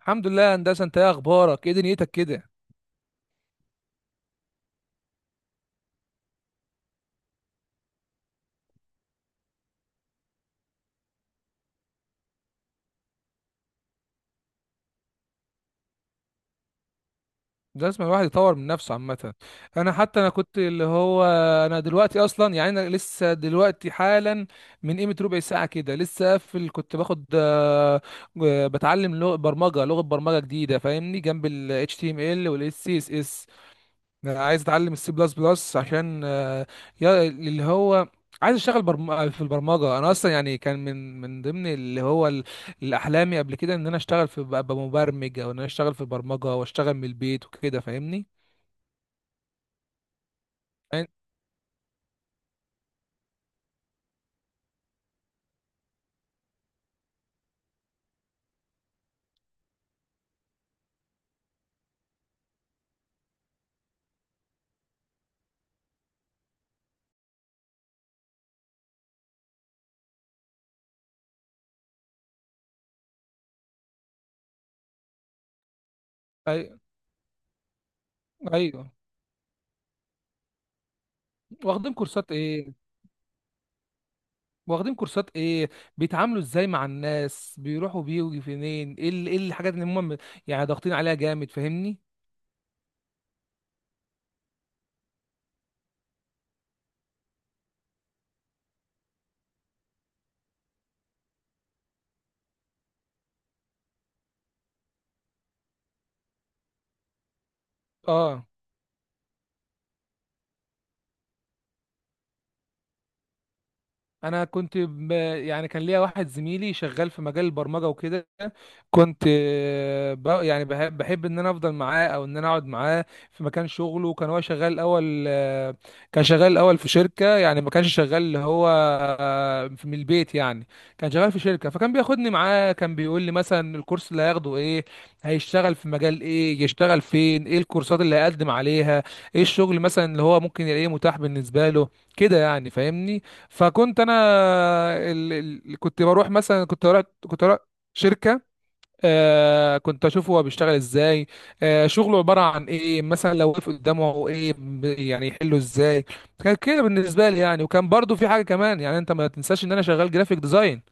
الحمد لله يا هندسه. انت ايه اخبارك؟ ايه دنيتك كده؟ لازم الواحد يطور من نفسه عامه. انا حتى انا كنت اللي هو انا دلوقتي اصلا، يعني انا لسه دلوقتي حالا من قيمه ربع ساعه كده لسه قافل، كنت باخد بتعلم لغه برمجه، لغه برمجه جديده، فاهمني، جنب ال HTML وال CSS. انا عايز اتعلم السي بلس بلس عشان يا اللي هو عايز اشتغل في البرمجه. انا اصلا يعني كان من ضمن الاحلامي قبل كده ان انا اشتغل، في ابقى مبرمج، او ان انا اشتغل في البرمجه واشتغل من البيت وكده، فاهمني. أي... أي... ايوه. واخدين كورسات ايه؟ واخدين كورسات ايه؟ بيتعاملوا ازاي مع الناس؟ بيروحوا بيجوا فين؟ ايه الحاجات اللي هم يعني ضاغطين عليها جامد، فاهمني. اه. انا كنت ب... يعني كان ليا واحد زميلي شغال في مجال البرمجه وكده، كنت يعني بحب ان انا افضل معاه او ان انا اقعد معاه في مكان شغله. كان هو شغال الاول، كان شغال الاول في شركه، يعني ما كانش شغال اللي هو آه، في- من البيت يعني، كان شغال في شركه. فكان بياخدني معاه، كان بيقول لي مثلا الكورس اللي هياخده ايه، هيشتغل في مجال ايه، يشتغل فين، ايه الكورسات اللي هيقدم عليها، ايه الشغل مثلا اللي هو ممكن يلاقيه متاح بالنسبه له، كده يعني، فاهمني. فكنت انا كنت بروح مثلا، كنت بروح شركه. آه كنت اشوفه هو بيشتغل ازاي، آه شغله عباره عن ايه، مثلا لو وقف قدامه ايه يعني يحله ازاي. كان كده بالنسبه لي يعني. وكان برضو في حاجه كمان، يعني انت ما تنساش ان انا شغال جرافيك ديزاين،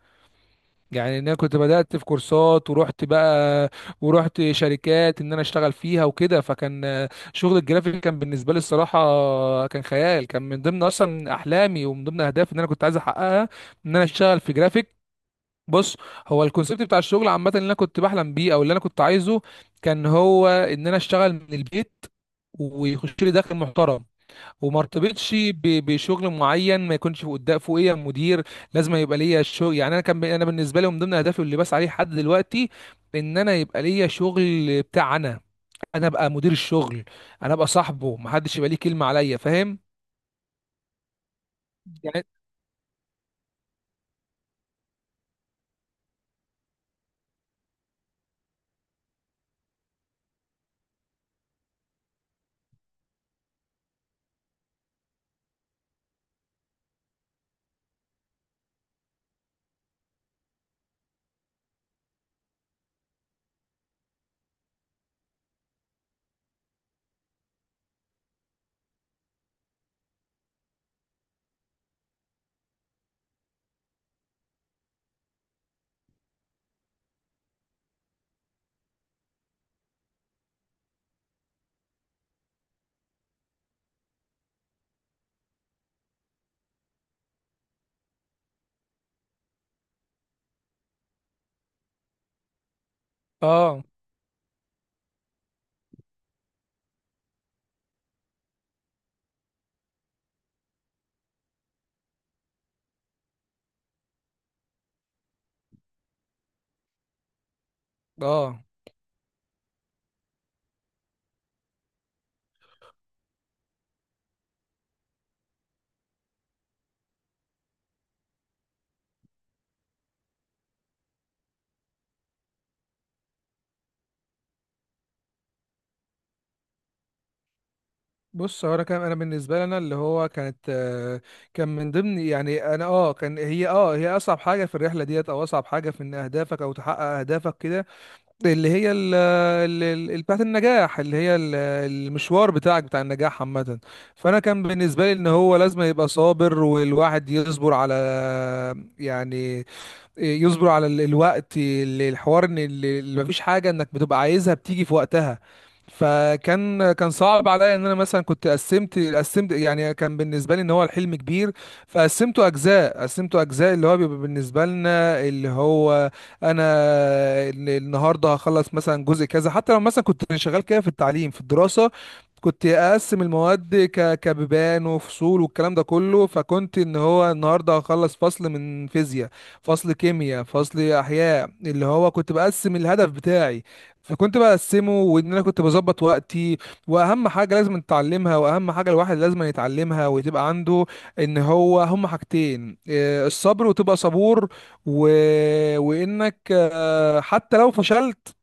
يعني ان انا كنت بدات في كورسات ورحت بقى، ورحت شركات ان انا اشتغل فيها وكده. فكان شغل الجرافيك كان بالنسبه لي الصراحه كان خيال، كان من ضمن اصلا احلامي ومن ضمن اهدافي ان انا كنت عايز احققها، ان انا اشتغل في جرافيك. بص، هو الكونسيبت بتاع الشغل عامه اللي انا كنت بحلم بيه او اللي انا كنت عايزه كان هو ان انا اشتغل من البيت، ويخش لي دخل محترم، وما ارتبطش بشغل معين، ما يكونش قدام فوقيه مدير. لازم يبقى ليا شغل، يعني انا كان انا بالنسبه لي من ضمن اهدافي اللي بسعى عليه لحد دلوقتي ان انا يبقى ليا شغل بتاع انا، انا ابقى مدير الشغل، انا ابقى صاحبه، ما حدش يبقى ليه كلمه عليا، فاهم يعني. اه. اه. بص، هو انا كان انا بالنسبه لي انا اللي هو كانت كان من ضمن، يعني انا اه كان هي اصعب حاجه في الرحله ديت، او اصعب حاجه في ان اهدافك او تحقق اهدافك كده، اللي هي بتاعت النجاح، اللي هي المشوار بتاعك بتاع النجاح عامة. فأنا كان بالنسبة لي إن هو لازم يبقى صابر، والواحد يصبر على، يعني يصبروا على الوقت، الحوار ان اللي مفيش حاجه انك بتبقى عايزها بتيجي في وقتها. فكان كان صعب عليا ان انا مثلا كنت قسمت، يعني كان بالنسبه لي ان هو الحلم كبير، فقسمته اجزاء، قسمته اجزاء. اللي هو بيبقى بالنسبه لنا اللي هو انا ال- النهارده هخلص مثلا جزء كذا. حتى لو مثلا كنت شغال كده في التعليم في الدراسه، كنت اقسم المواد كبيبان وفصول والكلام ده كله. فكنت ان هو النهارده هخلص فصل من فيزياء، فصل كيمياء، فصل احياء، اللي هو كنت بقسم الهدف بتاعي. فكنت بقسمه وان انا كنت بظبط وقتي. واهم حاجه لازم نتعلمها، واهم حاجه الواحد لازم يتعلمها وتبقى عنده، ان هو هما حاجتين إيه، الصبر وتبقى صبور، و... وانك حتى لو فشلت،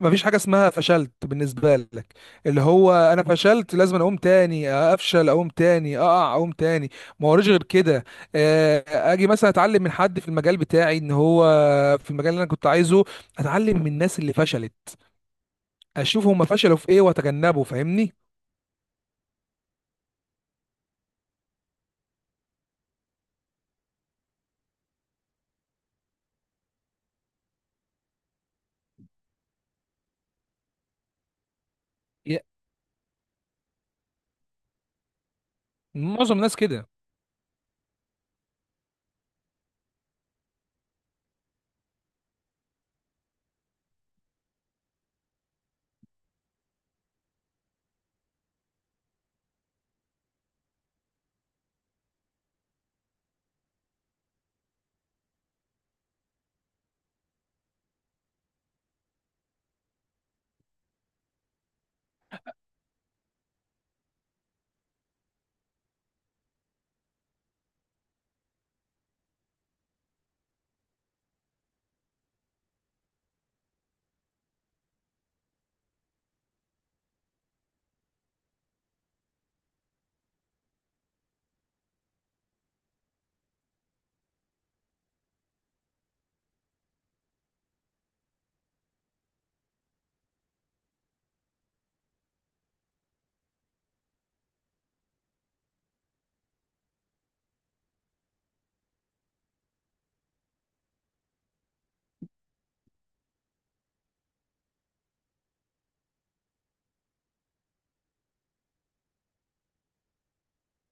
مفيش حاجه اسمها فشلت بالنسبه لك. اللي هو انا فشلت، لازم أنا اقوم تاني، افشل اقوم تاني، اقع اقوم تاني، ما وريش غير كده. آه، اجي مثلا اتعلم من حد في المجال بتاعي، ان هو في المجال اللي انا كنت عايزه، اتعلم من الناس اللي فشلت، اشوف هم فشلوا في ايه واتجنبه، فاهمني. يا- معظم الناس كده.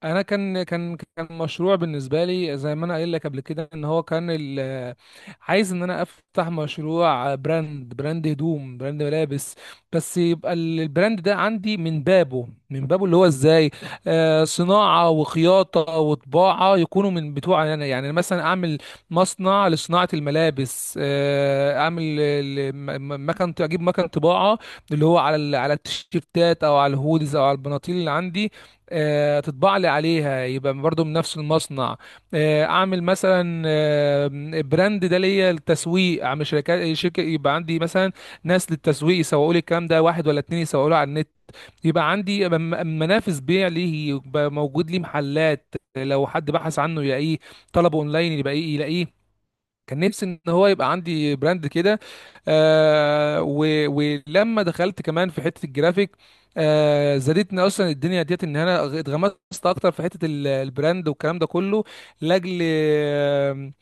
انا كان مشروع بالنسبه لي، زي ما انا قايل لك قبل كده، ان هو كان عايز ان انا افتح مشروع براند، براند هدوم، براند ملابس. بس يبقى البراند ده عندي من بابه، من بابه. اللي هو ازاي؟ آه صناعه وخياطه وطباعه يكونوا من بتوع انا، يعني أنا مثلا اعمل مصنع لصناعه الملابس، آه اعمل مكان، اجيب مكان طباعه اللي هو على على التيشيرتات او على الهودز او على البناطيل اللي عندي، تطبع لي عليها، يبقى برضو من نفس المصنع. اعمل مثلا براند ده ليا للتسويق، اعمل شركه يبقى عندي مثلا ناس للتسويق يسوقوا لي الكلام ده، واحد ولا اتنين يسوقوا له على النت، يبقى عندي منافس بيع ليه، يبقى موجود لي محلات لو حد بحث عنه يلاقيه، طلبه اونلاين يبقى إيه، يلاقيه. كان نفسي ان هو يبقى عندي براند كده. ولما دخلت كمان في حته الجرافيك، آه زادتني اصلا الدنيا ديت ان انا اتغمست اكتر في حته البراند والكلام ده كله، لاجل آه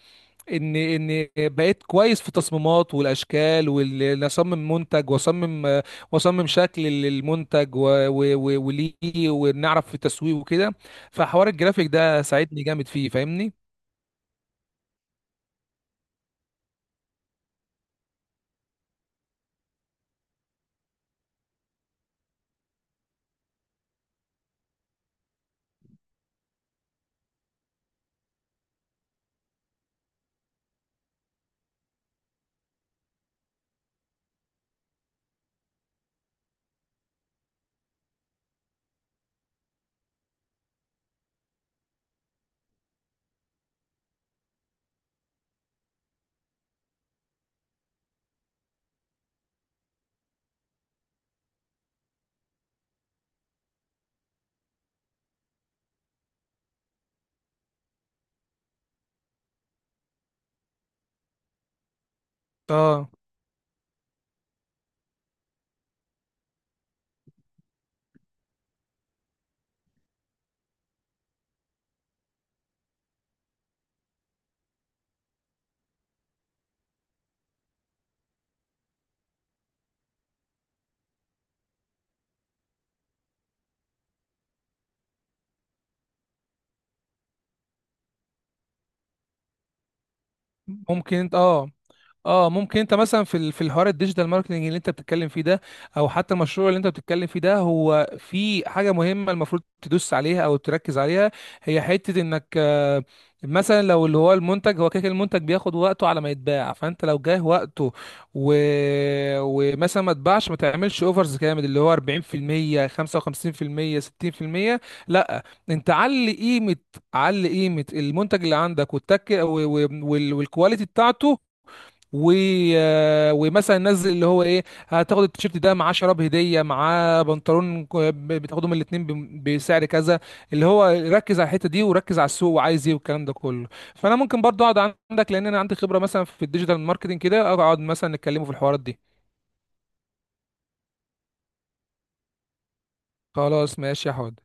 ان ان بقيت كويس في التصميمات والاشكال، وان اصمم منتج، واصمم واصمم شكل للمنتج وليه، ونعرف في التسويق وكده. فحوار الجرافيك ده ساعدني جامد فيه، فاهمني. اه. ممكن انت اه اه ممكن انت مثلا في في الحوار الديجيتال ماركتنج اللي انت بتتكلم فيه ده، او حتى المشروع اللي انت بتتكلم فيه ده، هو في حاجه مهمه المفروض تدوس عليها او تركز عليها. هي حته انك مثلا لو اللي هو المنتج هو كده كده المنتج بياخد وقته على ما يتباع، فانت لو جاه وقته و... ومثلا ما اتباعش، ما تعملش اوفرز جامد اللي هو 40% 55% 60%. لا، انت علي قيمه، علي قيمه المنتج اللي عندك والتك والكواليتي بتاعته، و... آه، ومثلا نزل اللي هو ايه، هتاخد التيشيرت ده معاه شراب هديه، معاه بنطلون بتاخدهم الاتنين بسعر كذا. اللي هو ركز على الحته دي، وركز على السوق وعايز ايه والكلام ده كله. فانا ممكن برضو اقعد عندك، لان انا عندي خبره مثلا في الديجيتال ماركتنج كده، اقعد مثلا نتكلموا في الحوارات دي. خلاص ماشي يا حواد.